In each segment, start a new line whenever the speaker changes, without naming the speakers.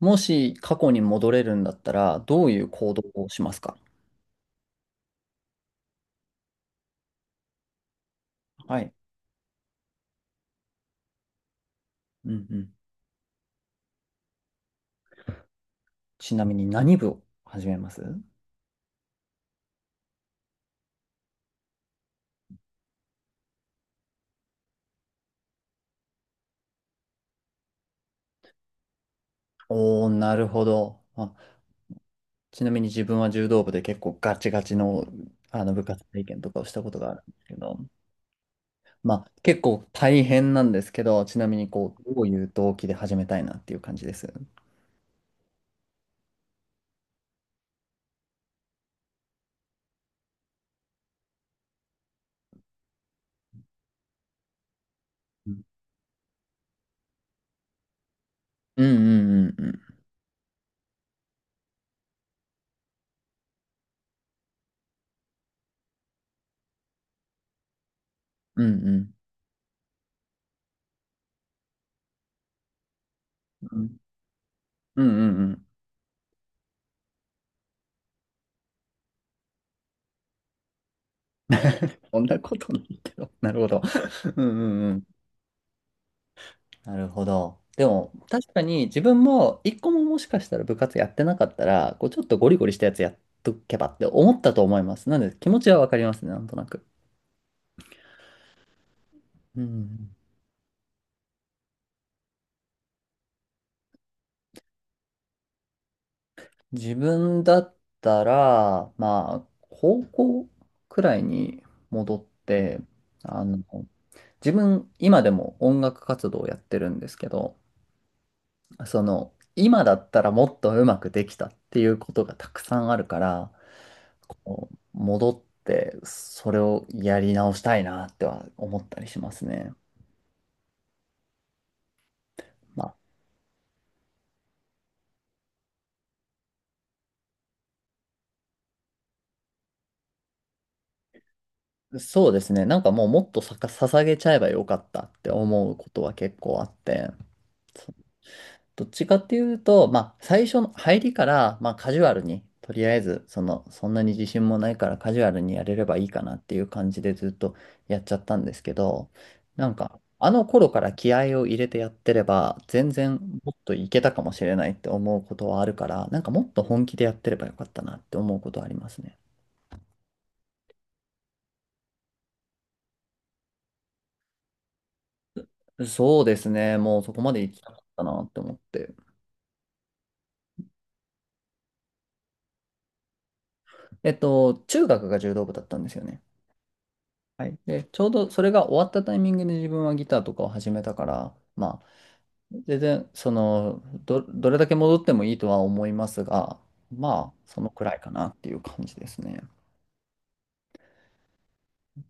もし過去に戻れるんだったら、どういう行動をしますか？はい。うんうん。ちなみに何部を始めます？おー、なるほど。あ、ちなみに自分は柔道部で結構ガチガチの、あの部活体験とかをしたことがあるんですけど、まあ結構大変なんですけど、ちなみにこう、どういう動機で始めたいなっていう感じです。うんうんうんうん。うんうん。うんうんうんうんうん。そんなことないけど。なるほど。うんうん。なるほど。でも、確かに自分も一個ももしかしたら部活やってなかったら、こうちょっとゴリゴリしたやつやっとけばって思ったと思います。なので気持ちはわかりますね、なんとなく。うん。自分だったら、まあ、高校くらいに戻って、あの、自分、今でも音楽活動をやってるんですけど、その、今だったらもっとうまくできたっていうことがたくさんあるから、戻って、それをやり直したいなっては思ったりしますね。まあ、そうですね。もうもっと捧げちゃえばよかったって思うことは結構あって。どっちかっていうと、まあ、最初の入りから、まあ、カジュアルに、とりあえず、そんなに自信もないからカジュアルにやれればいいかなっていう感じでずっとやっちゃったんですけど、あの頃から気合を入れてやってれば、全然もっといけたかもしれないって思うことはあるから、なんかもっと本気でやってればよかったなって思うことはありますね。そうですね。もうそこまで行きたかったなって思って。えっと、中学が柔道部だったんですよね。はい。で、ちょうどそれが終わったタイミングで自分はギターとかを始めたから、まあ、全然、どれだけ戻ってもいいとは思いますが、まあ、そのくらいかなっていう感じですね。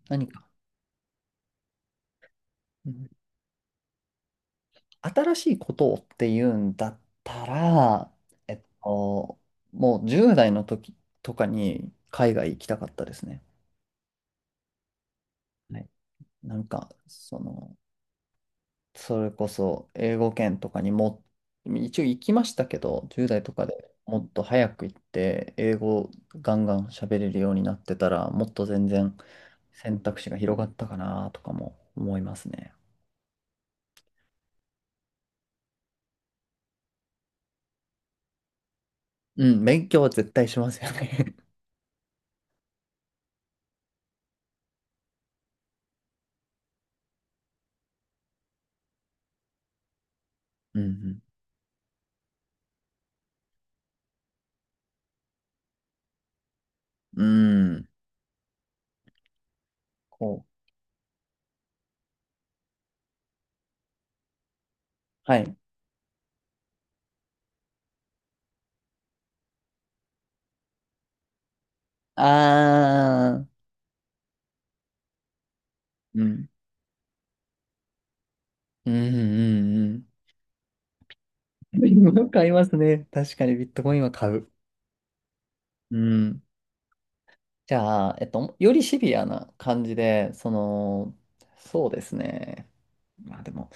何か、うん、新しいことをっていうんだったら、えっと、もう10代の時とかに海外行きたかったですね。はい。なんか、その、それこそ英語圏とかにも、一応行きましたけど、10代とかでもっと早く行って、英語ガンガン喋れるようになってたら、もっと全然選択肢が広がったかなとかも思いますね。うん、勉強は絶対しますよね。 うんうん。うん。こう。はい。あー。うん。うんうんうんうん。今買いますね。確かにビットコインは買う。うん。じゃあ、えっと、よりシビアな感じで、その、そうですね。まあでも、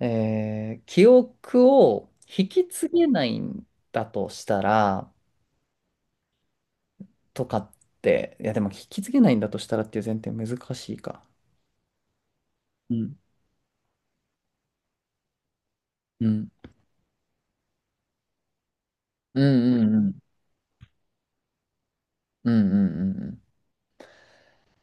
記憶を引き継げないんだとしたら、とかって、いやでも引き継げないんだとしたらっていう前提難しいか。うん。うん。うんうんうん。うんうんうんうん。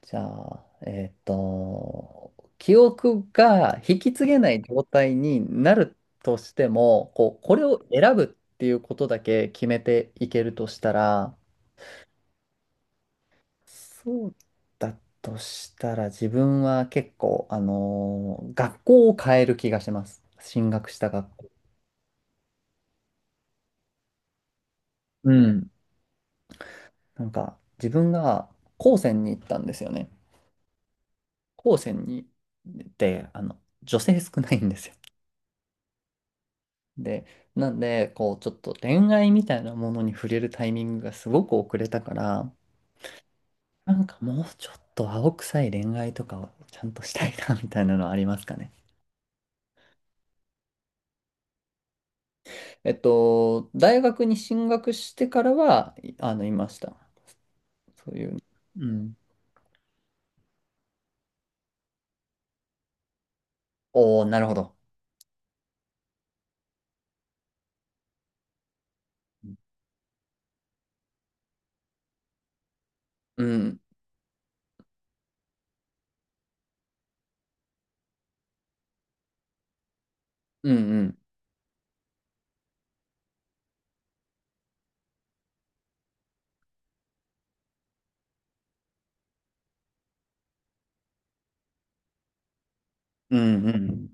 じゃあ、えっと、記憶が引き継げない状態になるとしても、こう、これを選ぶっていうことだけ決めていけるとしたら、そうだとしたら自分は結構、学校を変える気がします。進学した学校。うん。なんか、自分が高専に行ったんですよね。高専に、で、あの、女性少ないんですよ。で、なんで、こう、ちょっと恋愛みたいなものに触れるタイミングがすごく遅れたから、なんかもうちょっと青臭い恋愛とかをちゃんとしたいな、みたいなのはありますかね。えっと、大学に進学してからは、いあの、いました。そういう。うん。おー、なるほど。うん、うん、うん、うん、うん。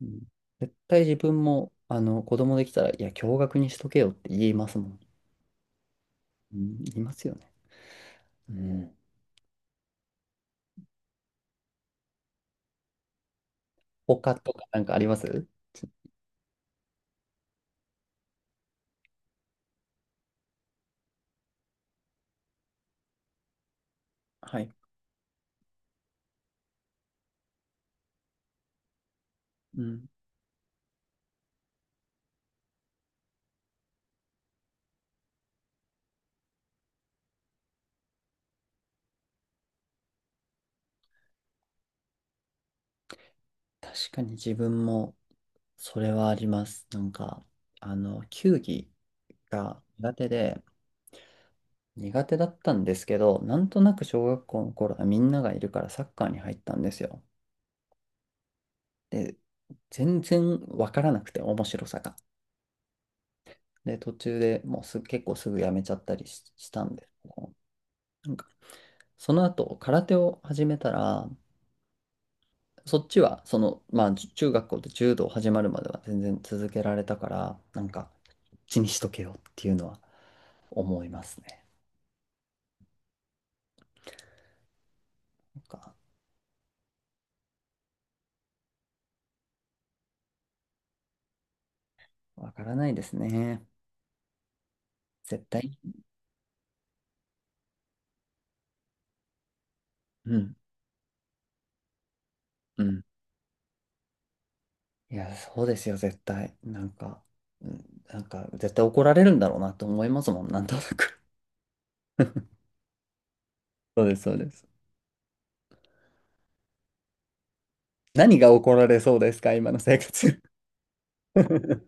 うん、絶対自分も、あの、子供できたら、いや、共学にしとけよって言いますもん。うん、言いますよね。うん。他とかなんかあります？はい。うん。確かに自分もそれはあります。なんか、あの、球技が苦手で、苦手だったんですけど、なんとなく小学校の頃はみんながいるからサッカーに入ったんですよ。で、全然わからなくて面白さが。で、途中でもうすぐ、結構すぐやめちゃったりし、したんですけど、なんか、その後空手を始めたら、そっちは、中学校で柔道始まるまでは全然続けられたから、なんか、こっちにしとけよっていうのは思いますね。なんか、わからないですね。絶対。うん。うん。いや、そうですよ、絶対。なんか、うん、なんか、絶対怒られるんだろうなと思いますもん、なんとなく。そうです、そうです。何が怒られそうですか、今の生活。は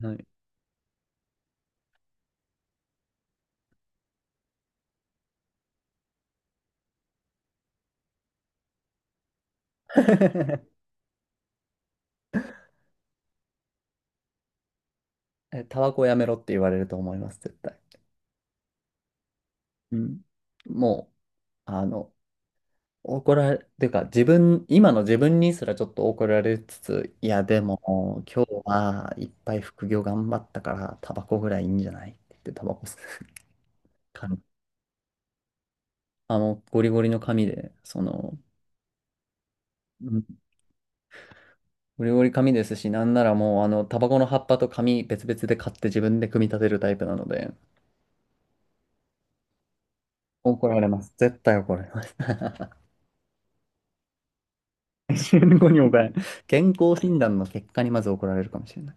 い。え、タバコやめろって言われると思います、絶対。うん。もう、あの、怒られ、ていうか自分、今の自分にすらちょっと怒られつつ、いやでも今日はいっぱい副業頑張ったからタバコぐらいいいんじゃないって言ってタバコ吸う紙。あの、ゴリゴリの紙で、その、うん、ゴリゴリ紙ですし、なんならもうあの、タバコの葉っぱと紙別々で買って自分で組み立てるタイプなので、怒られます。絶対怒られます。健康にも怒られる、健康診断の結果にまず怒られるかもしれない。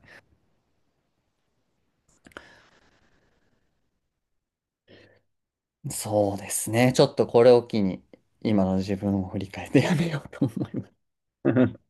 そうですね。ちょっとこれを機に、今の自分を振り返ってやめようと思います。